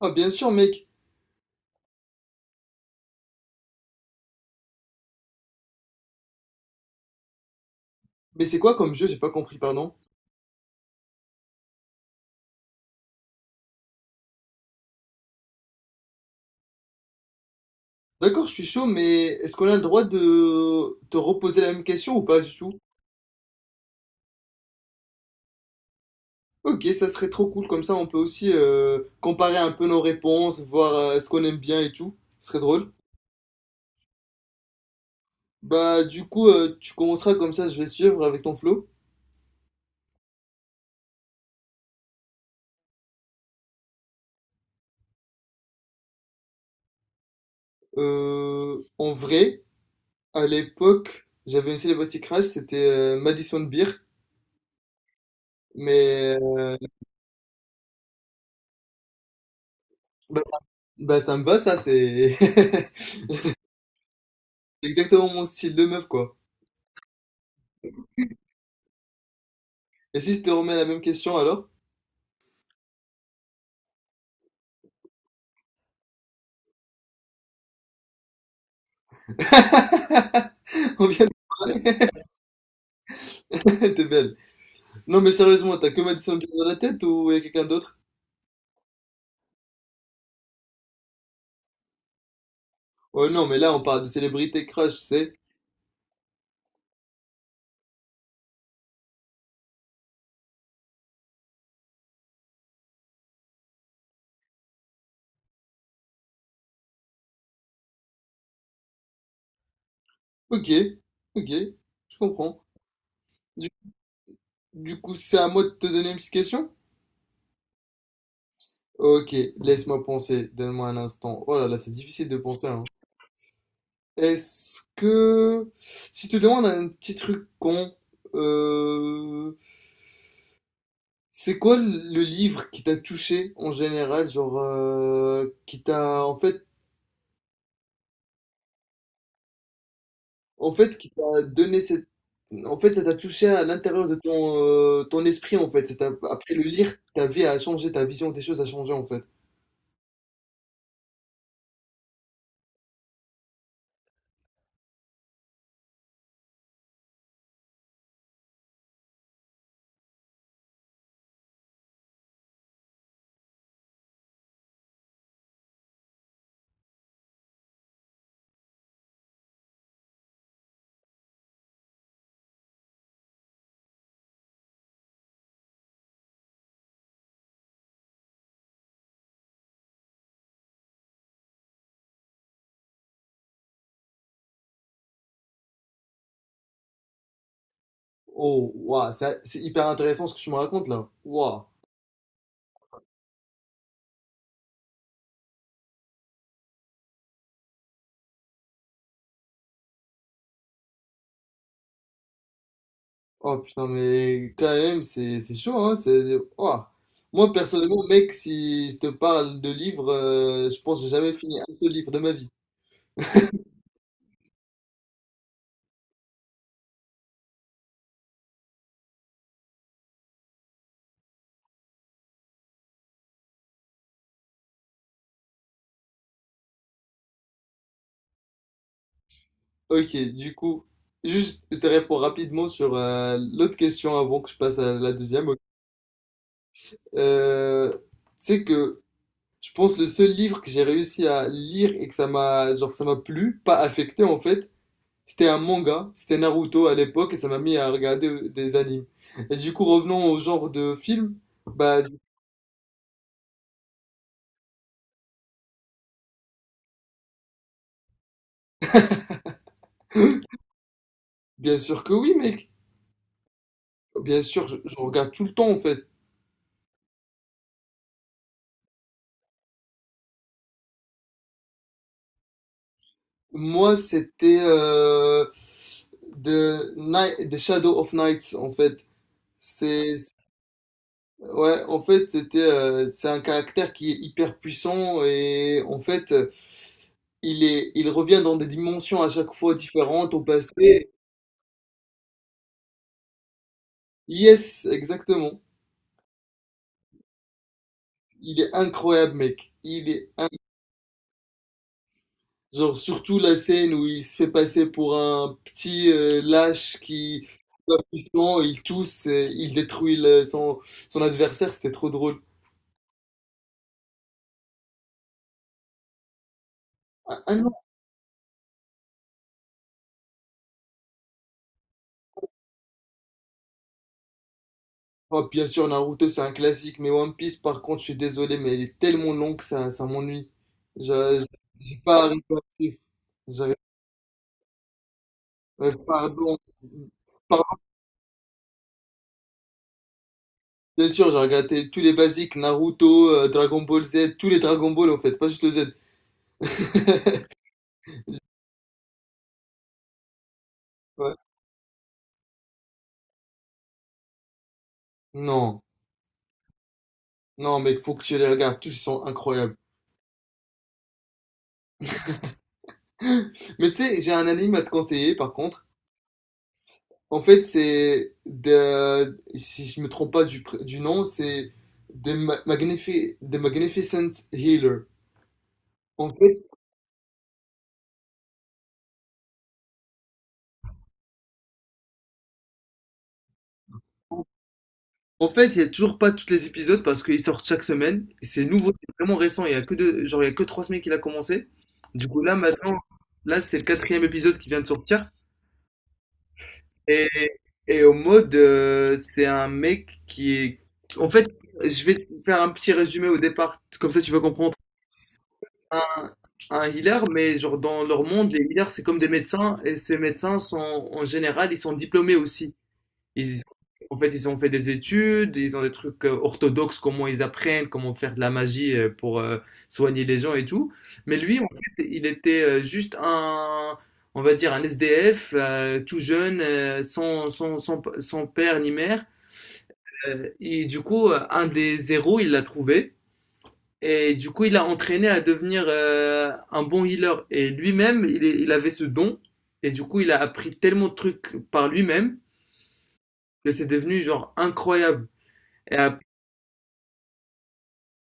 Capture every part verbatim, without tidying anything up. Ah bien sûr mec, mais c'est quoi comme jeu? J'ai pas compris, pardon. D'accord, je suis chaud, mais est-ce qu'on a le droit de te reposer la même question ou pas du tout? Ok, ça serait trop cool, comme ça on peut aussi euh, comparer un peu nos réponses, voir euh, ce qu'on aime bien et tout. Ce serait drôle. Bah du coup, euh, tu commenceras comme ça, je vais suivre avec ton flow. Euh, en vrai, à l'époque, j'avais une célébrité crush, c'était euh, Madison Beer, mais euh, bah, bah, ça me va ça, c'est exactement mon style de meuf quoi. Et si je te remets la même question alors? On vient de parler. T'es belle. Non mais sérieusement, t'as que Madison Beer dans la tête ou y a quelqu'un d'autre? Ouais, non mais là on parle de célébrité crush, c'est. Ok, ok, je comprends. Du, du coup, c'est à moi de te donner une petite question? Ok, laisse-moi penser, donne-moi un instant. Oh là là, c'est difficile de penser, hein. Est-ce que... Si je te demande un petit truc con, euh, c'est quoi le le livre qui t'a touché en général, genre euh, qui t'a en fait en fait qui t'a donné cette en fait ça t'a touché à l'intérieur de ton euh, ton esprit en fait. C'est t'a- après le lire, ta vie a changé, ta vision des choses a changé en fait. Oh waouh, ça- c'est hyper intéressant ce que tu me racontes là. Waouh. Oh putain mais quand même c'est c'est chaud hein, c'est waouh. Moi personnellement mec, si je te parle de livres, euh, je pense que j'ai jamais fini un seul livre de ma vie. Ok, du coup, juste, je te réponds rapidement sur euh, l'autre question avant que je passe à la deuxième. Ok. Euh, c'est que je pense le seul livre que j'ai réussi à lire et que ça m'a, genre, ça m'a plu, pas affecté en fait, c'était un manga, c'était Naruto à l'époque et ça m'a mis à regarder euh, des animes. Et du coup, revenons au genre de film, bah, bien sûr que oui, mec. Bien sûr, je, je regarde tout le temps en fait. Moi, c'était euh, The, Ni- The Shadow of Nights, en fait. C'est, ouais, en fait, c'était, euh, c'est un caractère qui est hyper puissant et en fait, euh, il est, il revient dans des dimensions à chaque fois différentes au passé. Yes, exactement. Il est incroyable, mec. Il est, in- genre, surtout la scène où il se fait passer pour un petit euh, lâche qui, est pas puissant, il tousse, et il détruit le- son, son adversaire, c'était trop drôle. Un, un Oh, bien sûr, Naruto, c'est un classique, mais One Piece, par contre, je suis désolé, mais il est tellement long que ça, ça m'ennuie. Je n'arrive pas à arriver à suivre. J'arrive- euh, Pardon. Pardon. Bien sûr, j'ai regardé tous les basiques, Naruto, euh, Dragon Ball Z, tous les Dragon Ball, en fait, pas juste le Z. Ouais. Non, non, mec, faut que tu les regardes, tous ils sont incroyables. Mais tu sais, j'ai un anime à te conseiller, par contre. En fait, c'est de, si je me trompe pas du, pr- du nom, c'est The Ma- Magnifi- The Magnificent Healer. En fait, en fait, il y a toujours pas tous les épisodes parce qu'ils sortent chaque semaine. Et c'est nouveau, c'est vraiment récent. Il y a que deux, genre, il y a que trois semaines qu'il a commencé. Du coup, là, maintenant, là, c'est le quatrième épisode qui vient de sortir. Et, et au mode, euh, c'est un mec qui est. En fait, je vais te faire un petit résumé au départ, comme ça tu vas comprendre. Un, un healer, mais genre dans leur monde, les healers, c'est comme des médecins, et ces médecins sont en général, ils sont diplômés aussi. Ils, en fait, ils ont fait des études, ils ont des trucs euh, orthodoxes, comment ils apprennent, comment faire de la magie euh, pour euh, soigner les gens et tout. Mais lui, en fait, il était euh, juste un, on va dire, un S D F, euh, tout jeune, euh, sans, sans, sans, sans père ni mère. Euh, et du coup, euh, un des héros, il l'a trouvé. Et du coup, il l'a entraîné à devenir euh, un bon healer. Et lui-même, il, est- il avait ce don. Et du coup, il a appris tellement de trucs par lui-même que c'est devenu genre incroyable. Et ap-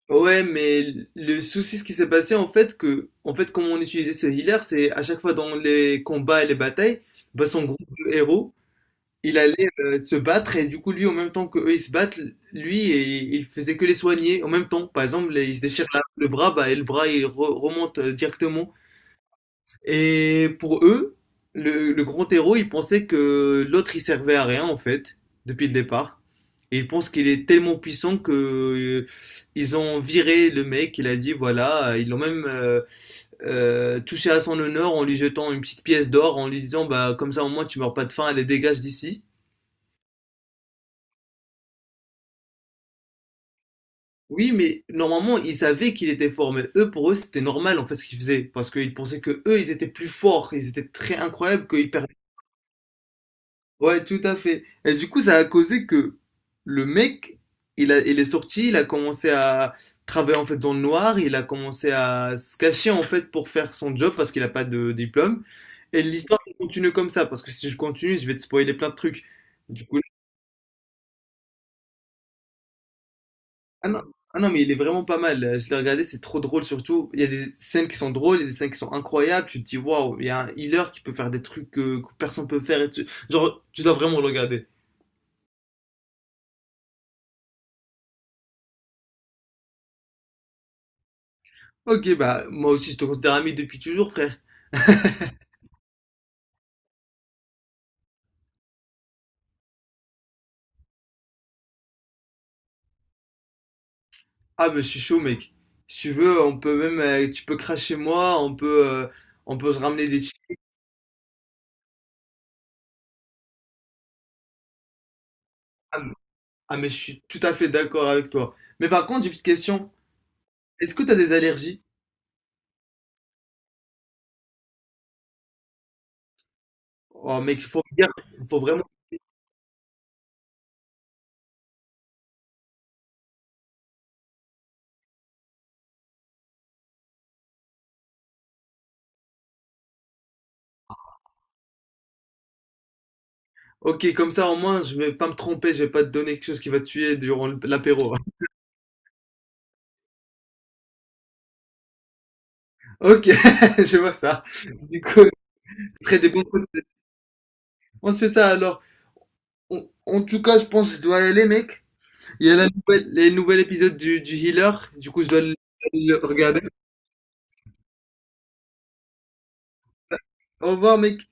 ouais, mais le souci, ce qui s'est passé, en fait, que, en fait, comment on utilisait ce healer, c'est à chaque fois dans les combats et les batailles, bah, son groupe de héros, il allait euh, se battre et du coup, lui, en même temps que eux, ils se battent, lui, et, il faisait que les soigner en même temps. Par exemple, il se déchire la- le bras, bah, et le bras, il re- remonte euh, directement. Et pour eux, le, le grand héros, il pensait que l'autre, il servait à rien, en fait, depuis le départ. Et il pense qu'il est tellement puissant que euh, ils ont viré le mec. Il a dit voilà, euh, ils l'ont même euh, euh, touché à son honneur en lui jetant une petite pièce d'or, en lui disant bah comme ça au moins tu meurs pas de faim, allez dégage d'ici. Oui, mais normalement ils savaient qu'il était fort, mais eux pour eux c'était normal en fait ce qu'ils faisaient parce qu'ils pensaient que eux ils étaient plus forts, ils étaient très incroyables, qu'ils perdaient. Ouais, tout à fait. Et du coup, ça a causé que le mec, il a, il est sorti, il a commencé à travailler en fait dans le noir, il a commencé à se cacher en fait pour faire son job parce qu'il n'a pas de diplôme. Et l'histoire, ça continue comme ça, parce que si je continue, je vais te spoiler plein de trucs. Du coup, ah non, ah non, mais il est vraiment pas mal. Je l'ai regardé, c'est trop drôle surtout. Il y a des scènes qui sont drôles, il y a des scènes qui sont incroyables. Tu te dis, waouh, il y a un healer qui peut faire des trucs que, que personne peut faire. Et tu- genre, tu dois vraiment le regarder. Ok, bah moi aussi je te considère ami depuis toujours, frère. Ah mais je suis chaud, mec. Si tu veux, on peut même, euh, tu peux cracher chez moi, on peut, euh, on peut se ramener des chips. Ah mais ah, mais je suis tout à fait d'accord avec toi. Mais par contre, j'ai une petite question. Est-ce que t'as des allergies? Oh mec, il faut me dire, il faut vraiment. Ok, comme ça au moins je vais pas me tromper, je vais pas te donner quelque chose qui va te tuer durant l'apéro. Ok, je vois ça. Du coup, très des bons coups. On se fait ça alors. En en tout cas, je pense que je dois y aller, mec. Il y a la nouvelle, les nouveaux épisodes du, du Healer, du coup je dois le le regarder. Au revoir mec.